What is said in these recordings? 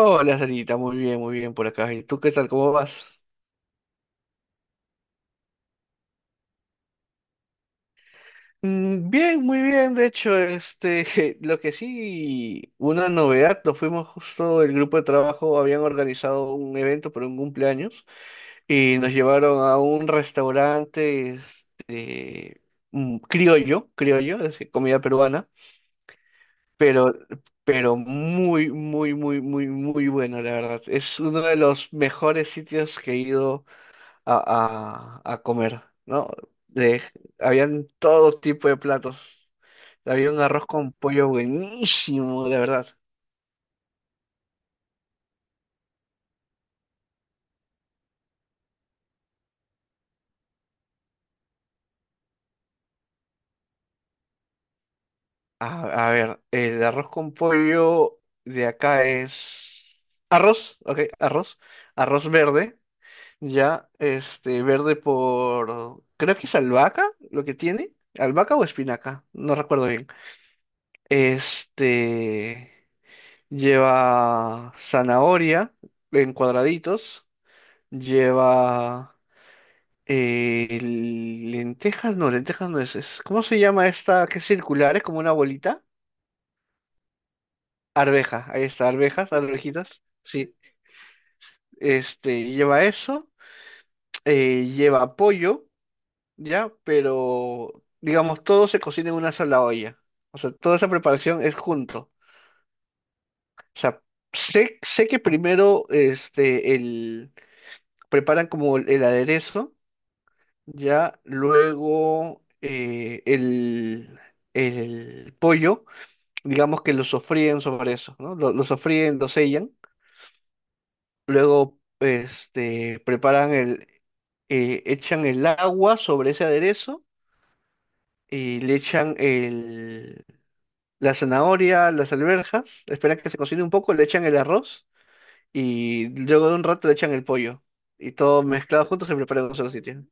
Hola, Sarita, muy bien por acá. ¿Y tú qué tal? ¿Cómo vas? Bien, muy bien. De hecho, lo que sí, una novedad, nos fuimos justo, el grupo de trabajo habían organizado un evento por un cumpleaños y nos llevaron a un restaurante, este, criollo, criollo, es decir, comida peruana, pero, pero muy, muy, muy, muy, muy bueno, la verdad. Es uno de los mejores sitios que he ido a comer, ¿no? De, Habían todo tipo de platos. Había un arroz con pollo buenísimo, de verdad. A ver, el arroz con pollo de acá es arroz, ok, arroz verde, ya, verde por, creo que es albahaca lo que tiene, albahaca o espinaca, no recuerdo bien. Este, Lleva zanahoria en cuadraditos. Lleva lentejas no es, ¿cómo se llama esta que es circular? Es como una bolita. Arveja, ahí está, arvejas, arvejitas. Sí. Lleva eso, lleva pollo, ¿ya? Pero, digamos, todo se cocina en una sola olla. O sea, toda esa preparación es junto. O sea, sé que primero, preparan como el aderezo, ya, luego el pollo, digamos que lo sofríen sobre eso, ¿no? Lo sofríen, lo sellan, luego echan el agua sobre ese aderezo y le echan la zanahoria, las alberjas, esperan que se cocine un poco, le echan el arroz y luego de un rato le echan el pollo y todo mezclado junto se prepara en un solo sitio.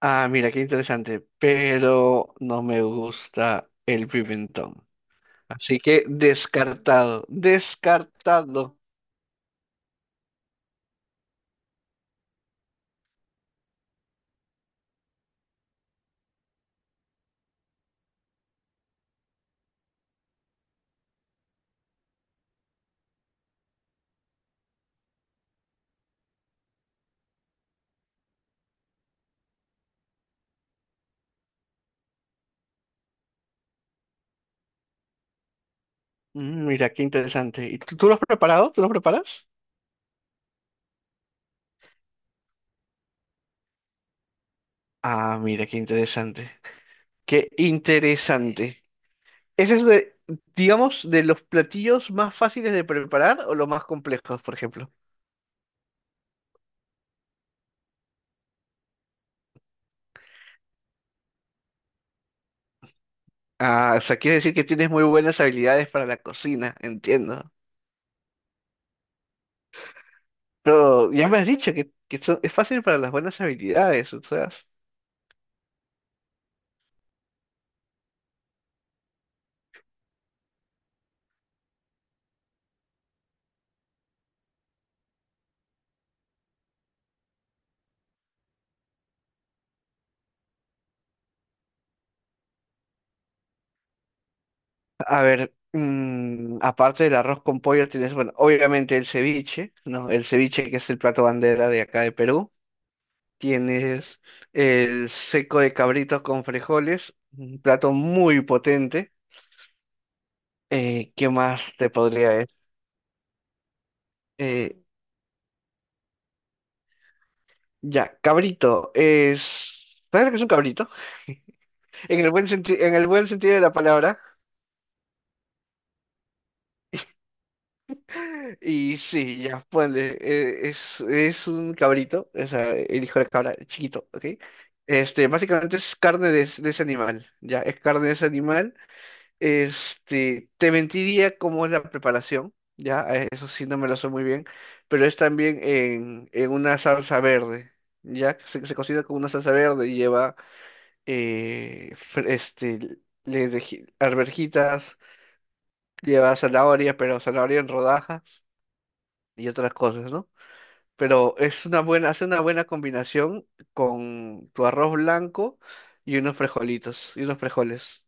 Ah, mira, qué interesante, pero no me gusta el pimentón. Así que descartado, descartado. Mira, qué interesante. ¿Y tú lo has preparado? ¿Tú lo preparas? Ah, mira, qué interesante. Qué interesante. ¿Ese es digamos, de los platillos más fáciles de preparar o los más complejos, por ejemplo? Ah, o sea, quiere decir que tienes muy buenas habilidades para la cocina, entiendo. Pero ya me has dicho que es fácil para las buenas habilidades, o sea. A ver, aparte del arroz con pollo tienes, bueno, obviamente el ceviche, ¿no? El ceviche que es el plato bandera de acá de Perú. Tienes el seco de cabrito con frijoles, un plato muy potente. ¿Qué más te podría decir? Eh, ya, cabrito es... ¿Sabes lo que es un cabrito? En el en el buen sentido de la palabra. Y sí, ya, ponle, es un cabrito, o sea, el hijo de cabra, chiquito, ¿ok? Básicamente es carne de, de ese animal, ya, es carne de ese animal. Te mentiría cómo es la preparación, ya, a eso sí no me lo sé muy bien, pero es también en una salsa verde, ya, se cocina con una salsa verde y lleva, eh, fr- este, arvejitas, lleva zanahoria, pero zanahoria en rodajas y otras cosas, ¿no? Pero hace una buena combinación con tu arroz blanco y unos frijolitos, y unos frijoles,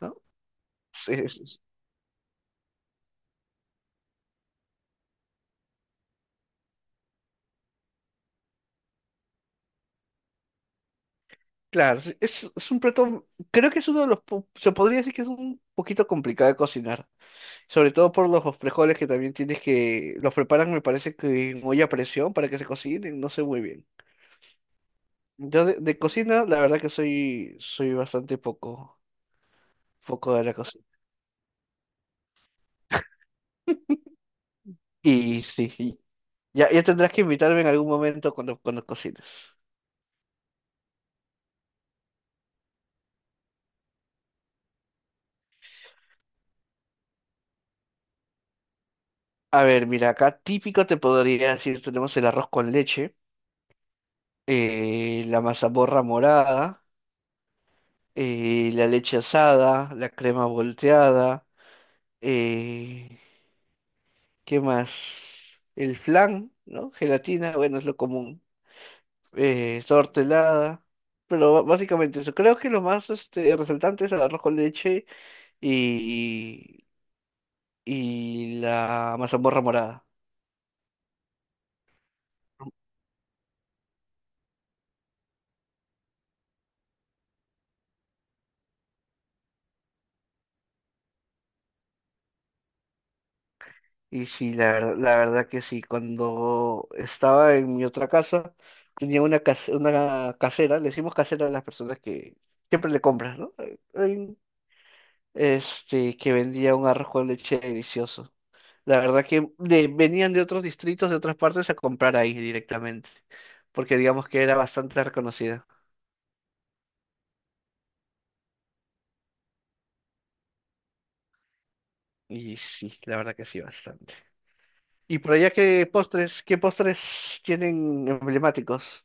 ¿no? Sí, claro, sí, es un plato, creo que es uno de se podría decir que es un poquito complicado de cocinar, sobre todo por los frijoles que también los preparan, me parece que en olla a presión para que se cocinen, no sé muy bien. Yo de cocina, la verdad que soy bastante poco, poco de la cocina. Y sí, y ya tendrás que invitarme en algún momento cuando cocines. A ver, mira, acá típico te podría decir, tenemos el arroz con leche, la mazamorra morada, la leche asada, la crema volteada, eh, ¿qué más? El flan, ¿no? Gelatina, bueno, es lo común, torta helada, pero básicamente eso. Creo que lo más resaltante es el arroz con leche y, y la mazamorra morada. Y sí, la verdad que sí. Cuando estaba en mi otra casa, tenía una casera, le decimos casera a las personas que siempre le compras, ¿no? Que vendía un arroz con leche delicioso. La verdad que venían de otros distritos, de otras partes, a comprar ahí directamente, porque digamos que era bastante reconocida. Y sí, la verdad que sí, bastante. Y por allá, qué postres tienen emblemáticos?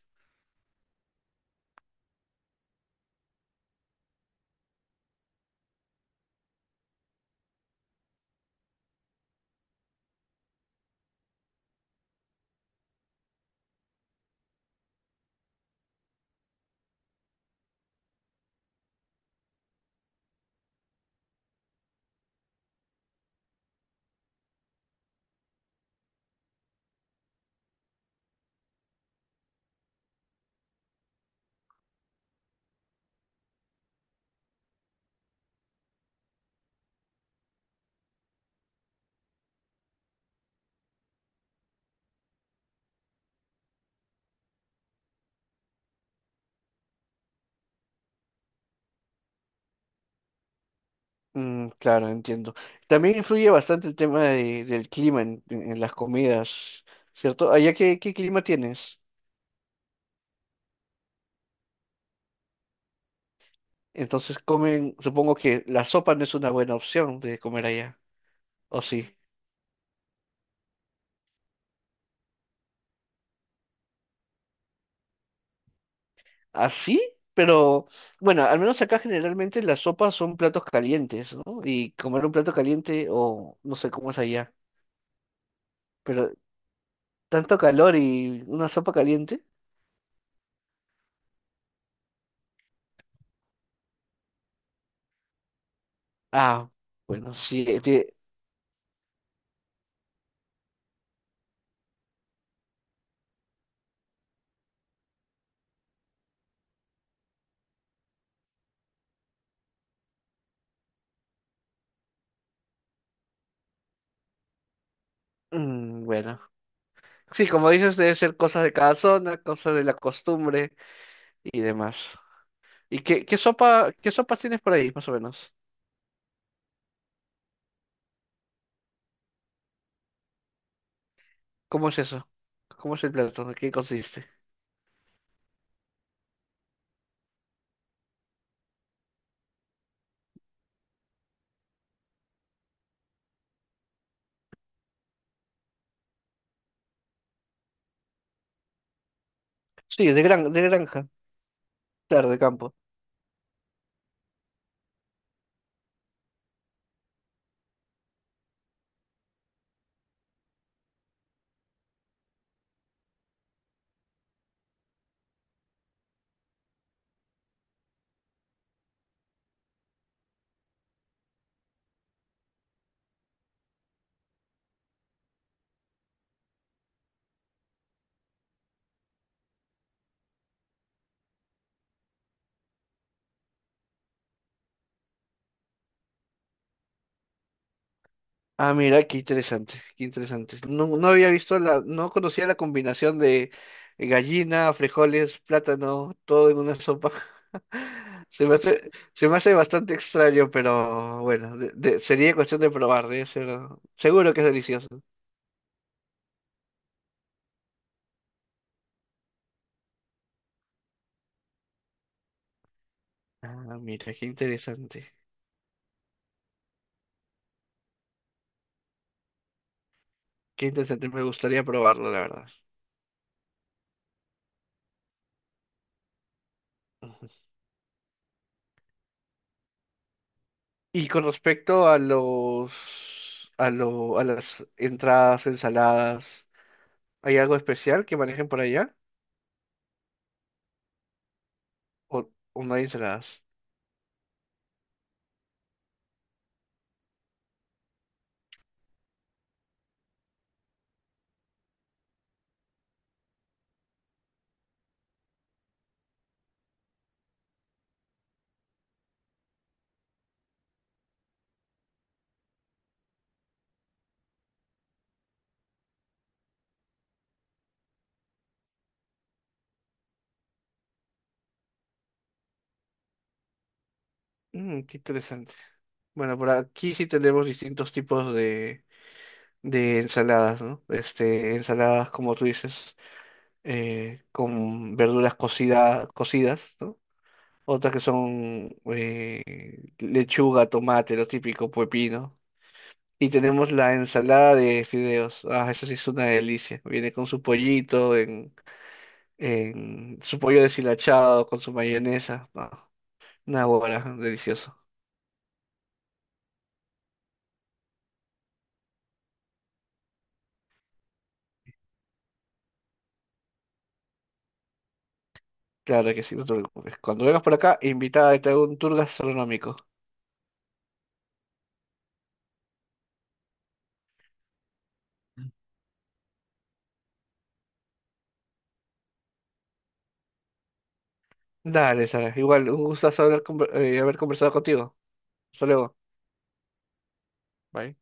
Claro, entiendo. También influye bastante el tema del clima en las comidas, ¿cierto? Allá qué clima tienes. Entonces comen, supongo que la sopa no es una buena opción de comer allá, ¿o sí? ¿Así? Pero bueno, al menos acá generalmente las sopas son platos calientes, ¿no? Y comer un plato caliente o no sé cómo es allá, pero tanto calor y una sopa caliente. Ah, bueno, sí, bueno. Sí, como dices, debe ser cosas de cada zona, cosas de la costumbre y demás. ¿Y qué sopas tienes por ahí, más o menos? ¿Cómo es eso? ¿Cómo es el plato? ¿De qué consiste? Sí, de granja, claro, de campo. Ah, mira, qué interesante, qué interesante. No, no había visto la, no conocía la combinación de gallina, frijoles, plátano, todo en una sopa. Se me hace bastante extraño, pero bueno, sería cuestión de probar, debe ser, seguro que es delicioso. Ah, mira, qué interesante. Qué interesante, me gustaría probarlo, la verdad. Ujú. Y con respecto a a las entradas, ensaladas, ¿hay algo especial que manejen por allá? ¿O, o no hay ensaladas? Qué interesante. Bueno, por aquí sí tenemos distintos tipos de ensaladas, ¿no? Ensaladas, como tú dices, con verduras cocidas, ¿no? Otras que son lechuga, tomate, lo típico, pepino. Y tenemos la ensalada de fideos. Ah, eso sí es una delicia. Viene con su pollito, en su pollo deshilachado, con su mayonesa. No, una hora, delicioso. Claro que sí, no te preocupes. Cuando vengas por acá, invitada, te hago un tour gastronómico. Dale, Sara. Igual, un gustazo haber conversado contigo. Hasta luego. Bye.